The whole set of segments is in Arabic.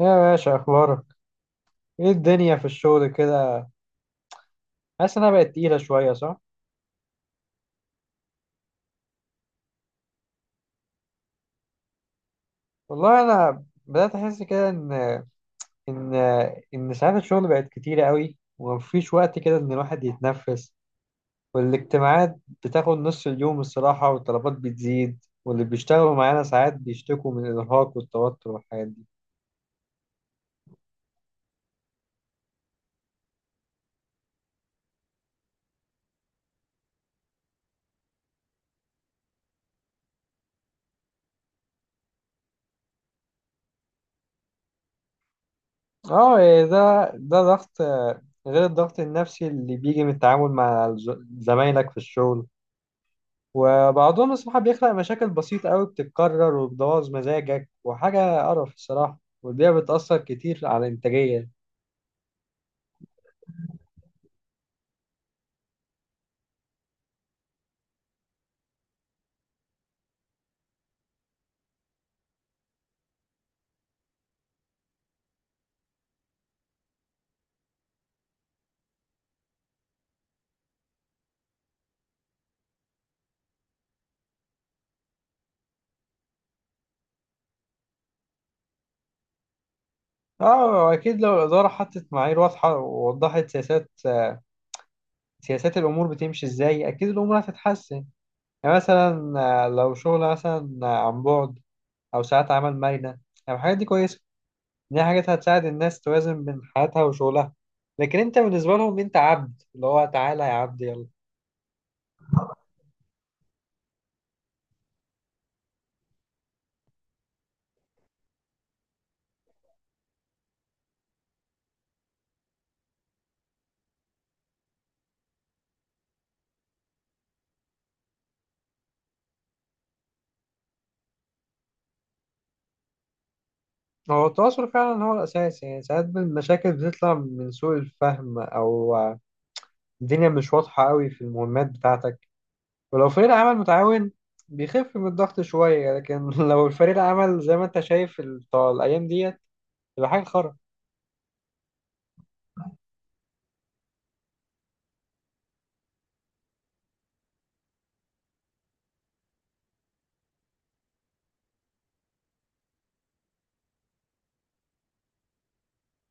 يا باشا، اخبارك ايه؟ الدنيا في الشغل كده حاسس انها بقت تقيله شويه، صح؟ والله انا بدات احس كده ان ان ساعات الشغل بقت كتيره قوي، ومفيش وقت كده ان الواحد يتنفس. والاجتماعات بتاخد نص اليوم الصراحه، والطلبات بتزيد. واللي بيشتغلوا معانا ساعات بيشتكوا من الارهاق والتوتر والحاجات دي. اه، إيه ده ضغط، غير الضغط النفسي اللي بيجي من التعامل مع زمايلك في الشغل. وبعضهم الصراحة بيخلق مشاكل بسيطة قوي بتتكرر وبتبوظ مزاجك، وحاجة قرف الصراحة، والبيئة بتأثر كتير على الإنتاجية. اه أكيد، لو الإدارة حطت معايير واضحة ووضحت سياسات الأمور بتمشي إزاي، أكيد الأمور هتتحسن. يعني مثلا، لو شغل مثلا، عن بعد، أو ساعات عمل مرنة. يعني الحاجات دي كويسة، دي حاجات هتساعد الناس توازن بين حياتها وشغلها، لكن أنت بالنسبة لهم أنت عبد، اللي هو تعالى يا عبد، يلا. هو التواصل فعلا هو الأساس. يعني ساعات المشاكل بتطلع من سوء الفهم، أو الدنيا مش واضحة قوي في المهمات بتاعتك. ولو فريق العمل متعاون بيخف من الضغط شوية، لكن لو الفريق العمل زي ما أنت شايف بتاع الأيام ديت، تبقى حاجة خرا.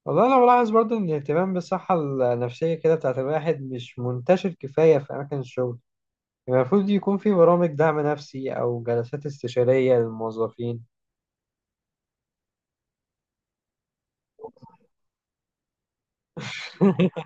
والله أنا بلاحظ برضه إن الاهتمام بالصحة النفسية كده بتاعت الواحد مش منتشر كفاية في أماكن الشغل. يعني المفروض يكون في برامج دعم نفسي أو جلسات استشارية للموظفين.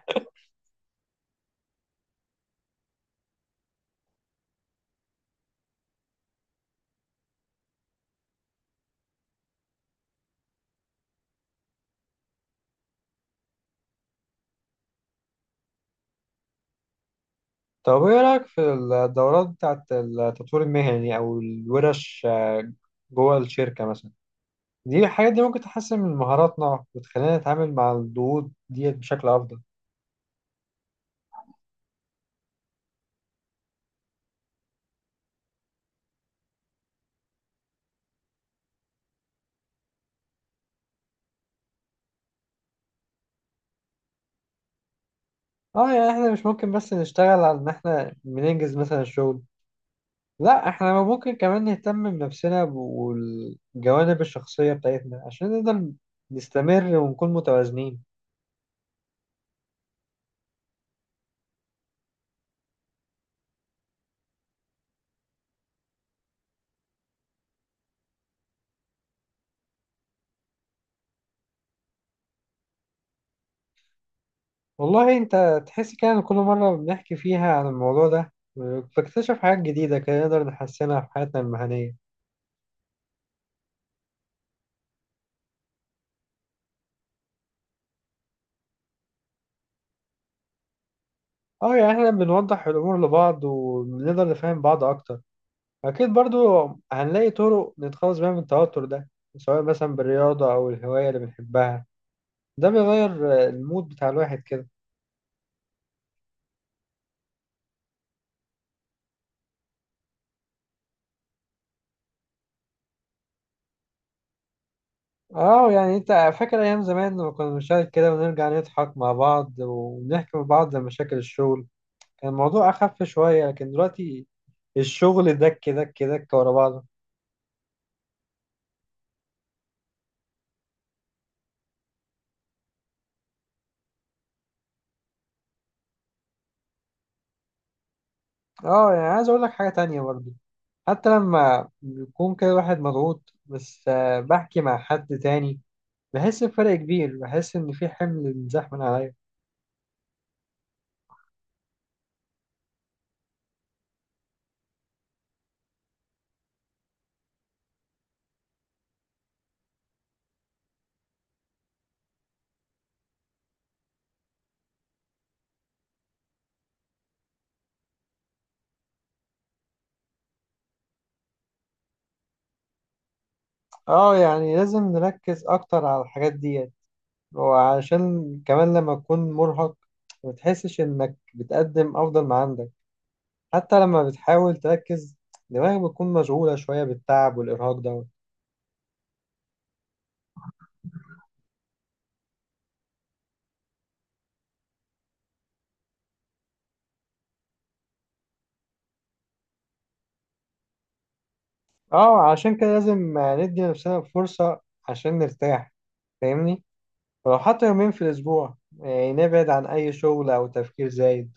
طب، ايه رأيك في الدورات بتاعت التطوير المهني او الورش جوه الشركة مثلا؟ دي الحاجات دي ممكن تحسن من مهاراتنا وتخلينا نتعامل مع الضغوط دي بشكل افضل. اه يعني احنا مش ممكن بس نشتغل على ان احنا بننجز مثلا الشغل، لا احنا ممكن كمان نهتم بنفسنا والجوانب الشخصية بتاعتنا عشان نقدر نستمر ونكون متوازنين. والله انت تحس كده إن كل مرة بنحكي فيها عن الموضوع ده بكتشف حاجات جديدة كده نقدر نحسنها في حياتنا المهنية. اه يعني احنا بنوضح الامور لبعض وبنقدر نفهم بعض اكتر. اكيد برضو هنلاقي طرق نتخلص بيها من التوتر ده، سواء مثلا بالرياضة او الهواية اللي بنحبها، ده بيغير المود بتاع الواحد كده. اه، يعني انت فاكر ايام زمان لما كنا بنشارك كده ونرجع نضحك مع بعض ونحكي مع بعض عن مشاكل الشغل؟ كان الموضوع اخف شوية، لكن دلوقتي الشغل دك دك دك ورا بعضه. اه، يعني عايز اقول لك حاجة تانية برضو. حتى لما بيكون كده واحد مضغوط بس بحكي مع حد تاني، بحس بفرق كبير، بحس إن في حمل انزاح من عليا. اه، يعني لازم نركز أكتر على الحاجات ديت. وعشان كمان لما تكون مرهق ما بتحسش إنك بتقدم أفضل ما عندك، حتى لما بتحاول تركز دماغك بتكون مشغولة شوية بالتعب والإرهاق ده. اه، عشان كده لازم ندي نفسنا فرصة عشان نرتاح. فاهمني؟ لو حتى يومين في الأسبوع يعني نبعد عن أي شغل أو تفكير زايد.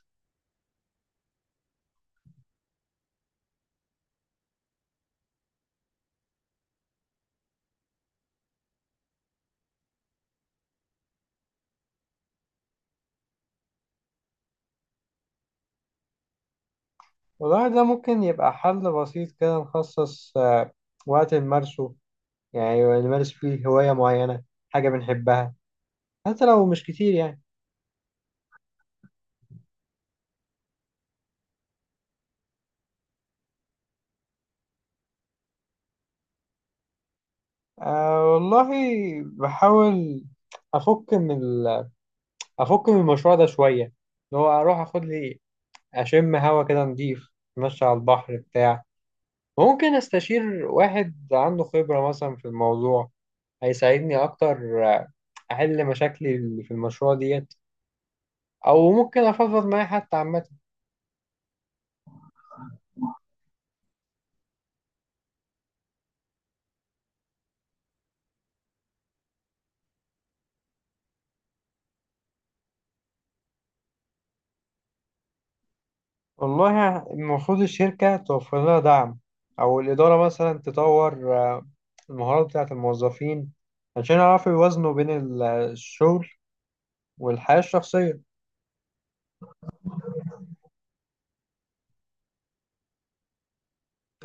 والله ده ممكن يبقى حل بسيط كده، نخصص وقت نمارسه، يعني نمارس فيه هواية معينة، حاجة بنحبها، حتى لو مش كتير يعني. أه والله بحاول، أفك من ال- أفك من المشروع ده شوية، اللي هو أروح أخد لي أشم هوا كده نضيف، أتمشى على البحر بتاع. ممكن أستشير واحد عنده خبرة مثلا في الموضوع، هيساعدني أكتر احل مشاكلي اللي في المشروع ديت، او ممكن افضفض معاه حتى عامه. والله المفروض الشركه توفر لها دعم، او الاداره مثلا تطور المهارات بتاعه الموظفين، عشان يعرفوا يوازنوا بين الشغل والحياه الشخصيه.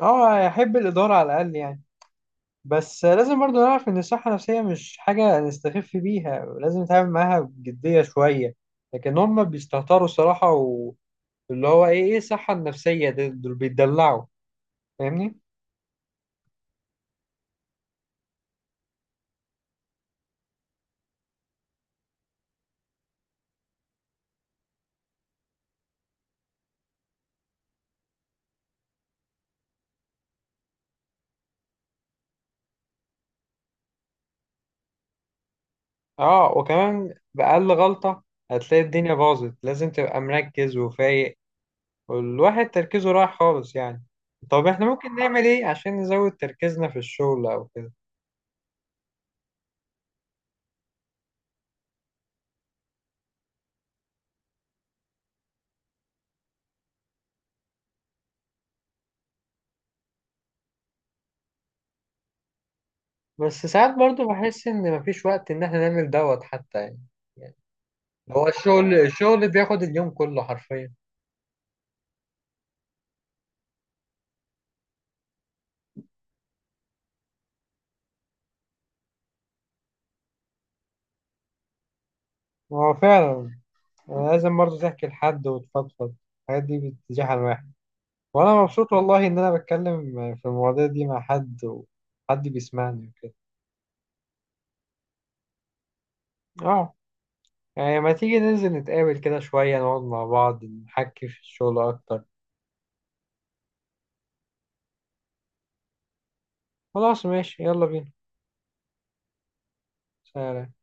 اه، يحب الاداره على الاقل يعني. بس لازم برضه نعرف ان الصحه النفسيه مش حاجه نستخف بيها، لازم نتعامل معاها بجديه شويه. لكن هم بيستهتروا الصراحه، واللي هو ايه الصحه النفسيه، دول بيتدلعوا. فاهمني؟ اه وكمان بأقل غلطة هتلاقي الدنيا باظت، لازم تبقى مركز وفايق، والواحد تركيزه رايح خالص يعني. طب احنا ممكن نعمل ايه عشان نزود تركيزنا في الشغل او كده؟ بس ساعات برضو بحس ان مفيش وقت ان احنا نعمل دوت حتى يعني هو الشغل بياخد اليوم كله حرفيا. هو فعلا، لازم برضو تحكي لحد وتفضفض، الحاجات دي بتزيح الواحد. وانا مبسوط والله ان انا بتكلم في المواضيع دي مع حد، وحد بيسمعني وكده. اه، يعني ما تيجي ننزل نتقابل كده شوية، نقعد مع بعض نحكي في الشغل أكتر؟ خلاص ماشي، يلا بينا. سلام.